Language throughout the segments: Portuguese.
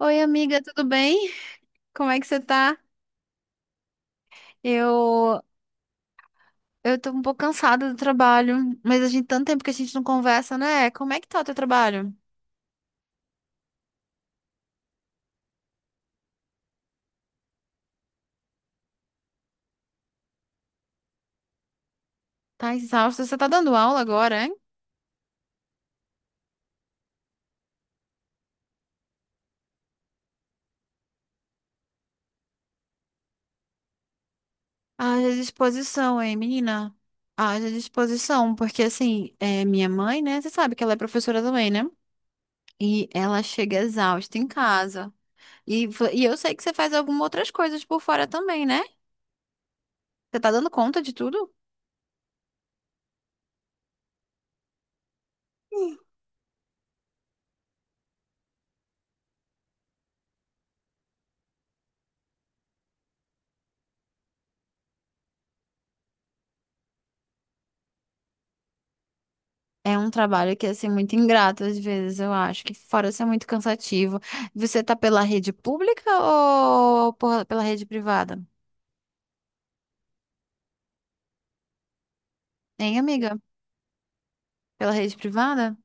Oi, amiga, tudo bem? Como é que você tá? Eu, eu tô um pouco cansada do trabalho, mas a gente tanto tempo que a gente não conversa, né? Como é que tá o teu trabalho? Tá exausta? Você tá dando aula agora, hein? Haja disposição, hein, menina? Haja disposição, porque assim, é minha mãe, né? Você sabe que ela é professora também, né? E ela chega exausta em casa. E eu sei que você faz algumas outras coisas por fora também, né? Você tá dando conta de tudo? É um trabalho que é assim, muito ingrato às vezes, eu acho, que fora ser muito cansativo. Você tá pela rede pública ou pela rede privada? Hein, amiga? Pela rede privada?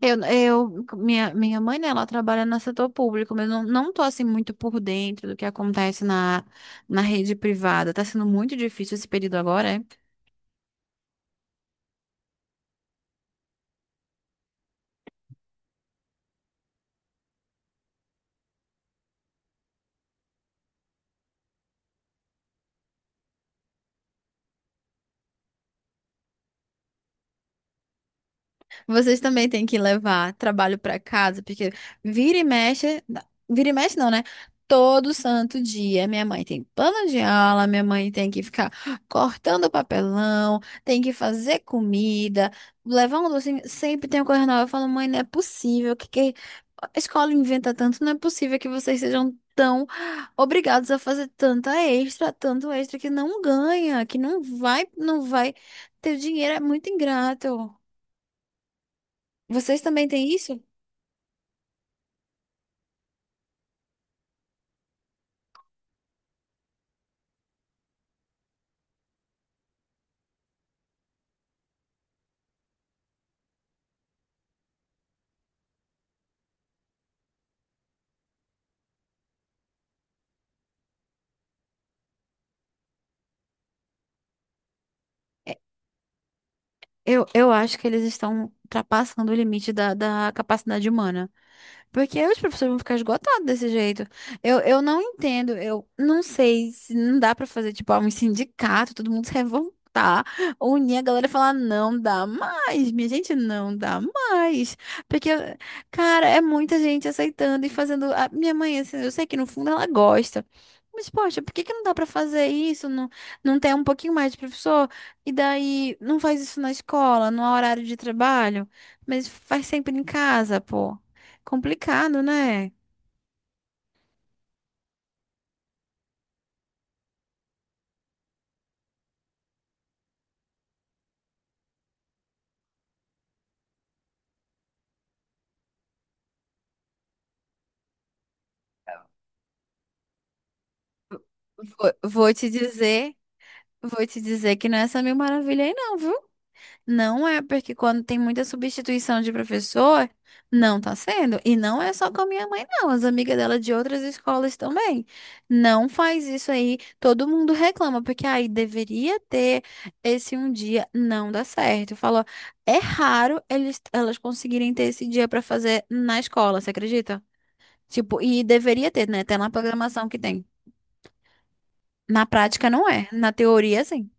Minha mãe, né, ela trabalha no setor público, mas eu não tô assim muito por dentro do que acontece na rede privada. Tá sendo muito difícil esse período agora, é? Vocês também têm que levar trabalho para casa, porque vira e mexe, vira e mexe não, né? Todo santo dia, minha mãe tem plano de aula, minha mãe tem que ficar cortando papelão, tem que fazer comida, levar um docinho, sempre tem uma coisa nova. Eu falo, mãe, não é possível, que a escola inventa tanto, não é possível que vocês sejam tão obrigados a fazer tanta extra, tanto extra que não ganha, que não vai ter dinheiro, é muito ingrato. Vocês também têm isso? Eu acho que eles estão ultrapassando o limite da capacidade humana. Porque os professores vão ficar esgotados desse jeito. Eu não entendo, eu não sei se não dá pra fazer, tipo, ah, um sindicato, todo mundo se revoltar, unir a galera e falar, não dá mais, minha gente, não dá mais. Porque, cara, é muita gente aceitando e fazendo. A minha mãe, assim, eu sei que no fundo ela gosta. Mas, poxa, por que que não dá pra fazer isso? Não, não tem um pouquinho mais de professor? E daí, não faz isso na escola, no horário de trabalho, mas faz sempre em casa, pô. Complicado, né? Vou, vou te dizer, vou te dizer que não é essa mil maravilha aí não, viu? Não é porque quando tem muita substituição de professor, não tá sendo. E não é só com a minha mãe, não. As amigas dela de outras escolas também. Não faz isso aí. Todo mundo reclama, porque aí deveria ter esse um dia, não dá certo. Falou, é raro elas conseguirem ter esse dia pra fazer na escola, você acredita? Tipo, e deveria ter, né? Até na programação que tem. Na prática não é. Na teoria, sim.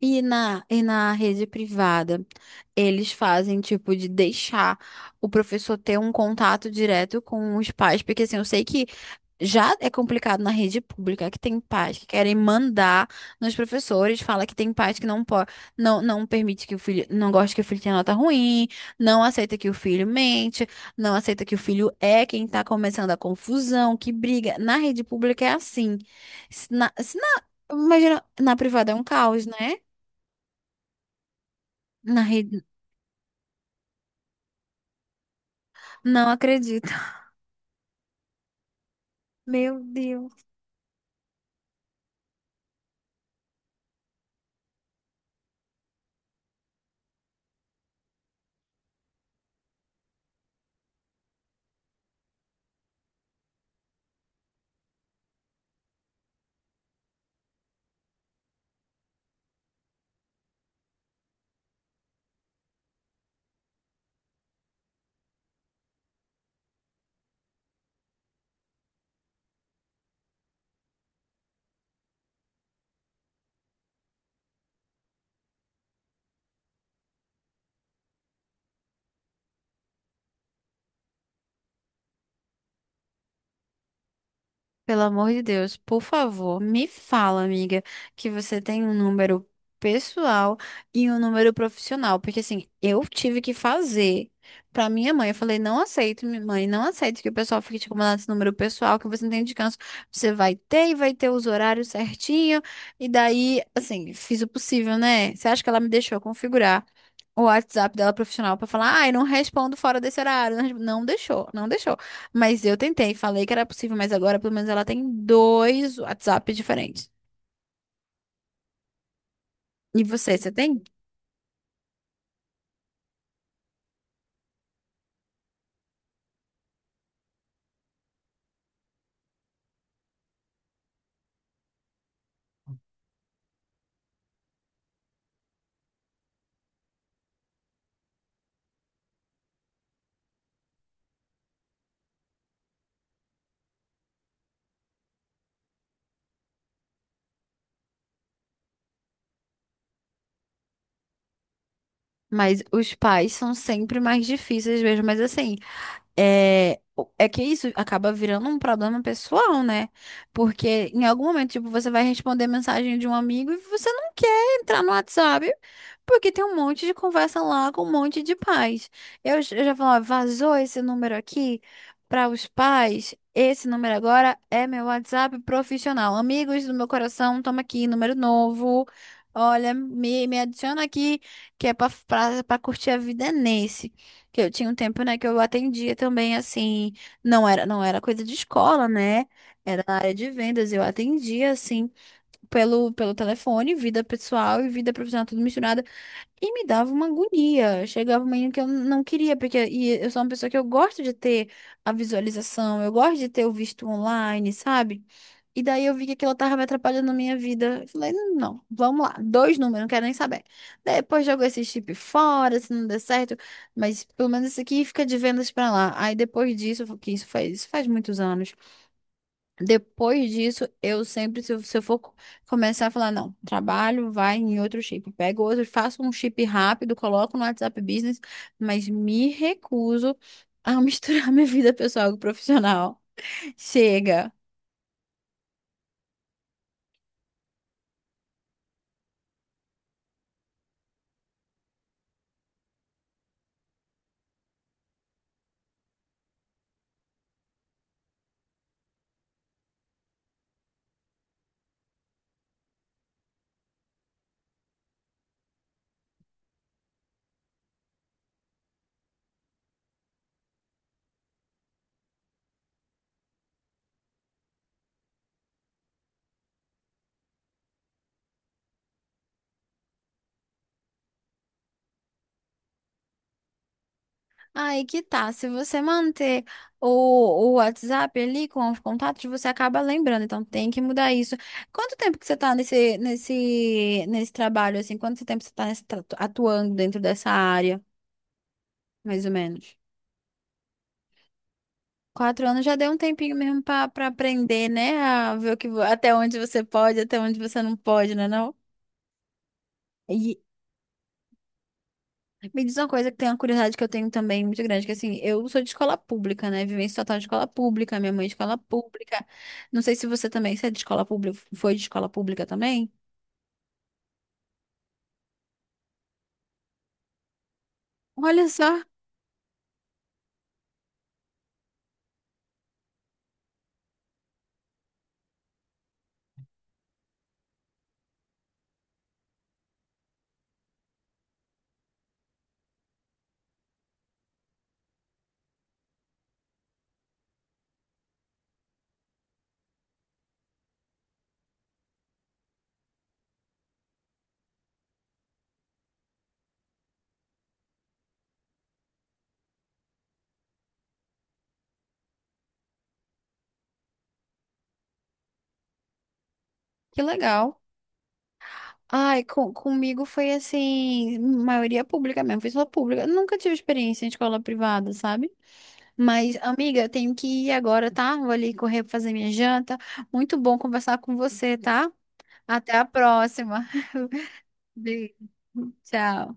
E na rede privada, eles fazem tipo de deixar o professor ter um contato direto com os pais, porque assim, eu sei que já é complicado na rede pública, que tem pais que querem mandar nos professores, fala que tem pais que não pode, não permite que o filho, não gosta que o filho tenha nota ruim, não aceita que o filho mente, não aceita que o filho é quem tá começando a confusão, que briga. Na rede pública é assim. Se na, se na- imagina, na privada é um caos, né? Na rede. Não acredito. Meu Deus. Pelo amor de Deus, por favor, me fala, amiga, que você tem um número pessoal e um número profissional, porque assim, eu tive que fazer pra minha mãe. Eu falei, não aceito, minha mãe, não aceito que o pessoal fique te incomodando esse número pessoal, que você não tem descanso. Você vai ter e vai ter os horários certinho. E daí, assim, fiz o possível, né? Você acha que ela me deixou configurar? O WhatsApp dela profissional pra falar, ai, não respondo fora desse horário. Não, não deixou, não deixou. Mas eu tentei, falei que era possível, mas agora pelo menos ela tem dois WhatsApp diferentes. E você tem? Mas os pais são sempre mais difíceis mesmo. Mas assim, é, é que isso acaba virando um problema pessoal, né? Porque em algum momento, tipo, você vai responder mensagem de um amigo e você não quer entrar no WhatsApp porque tem um monte de conversa lá com um monte de pais. Eu já falo, ó, vazou esse número aqui para os pais. Esse número agora é meu WhatsApp profissional. Amigos do meu coração, toma aqui, número novo. Olha, me adiciona aqui, que é pra curtir a vida é nesse. Que eu tinha um tempo, né, que eu atendia também, assim, não era coisa de escola, né? Era na área de vendas, eu atendia, assim, pelo telefone, vida pessoal e vida profissional, tudo misturado. E me dava uma agonia. Chegava um momento que eu não queria, porque e eu sou uma pessoa que eu gosto de ter a visualização, eu gosto de ter o visto online, sabe? E daí eu vi que aquilo tava me atrapalhando na minha vida. Eu falei, não, vamos lá, dois números, não quero nem saber. Depois jogo esse chip fora, se não der certo, mas pelo menos esse aqui fica de vendas pra lá. Aí depois disso, eu falei, que isso faz muitos anos. Depois disso, eu sempre, se eu for começar a falar, não, trabalho, vai em outro chip, pego outro, faço um chip rápido, coloco no WhatsApp Business, mas me recuso a misturar minha vida pessoal e profissional. Chega. Aí que tá, se você manter o WhatsApp ali com os contatos, você acaba lembrando, então tem que mudar isso. Quanto tempo que você tá nesse trabalho, assim, quanto tempo você tá atuando dentro dessa área, mais ou menos? 4 anos já deu um tempinho mesmo pra para aprender, né? A ver o que, até onde você pode, até onde você não pode, né, não? E me diz uma coisa que tem uma curiosidade que eu tenho também muito grande, que assim, eu sou de escola pública, né? Vivência total de escola pública, minha mãe de escola pública. Não sei se você também, você é de escola pública, foi de escola pública também? Olha só, que legal. Ai, comigo foi assim, maioria pública mesmo, foi escola pública. Eu nunca tive experiência em escola privada, sabe? Mas, amiga, eu tenho que ir agora, tá? Vou ali correr pra fazer minha janta. Muito bom conversar com você, tá? Até a próxima. Beijo. Tchau.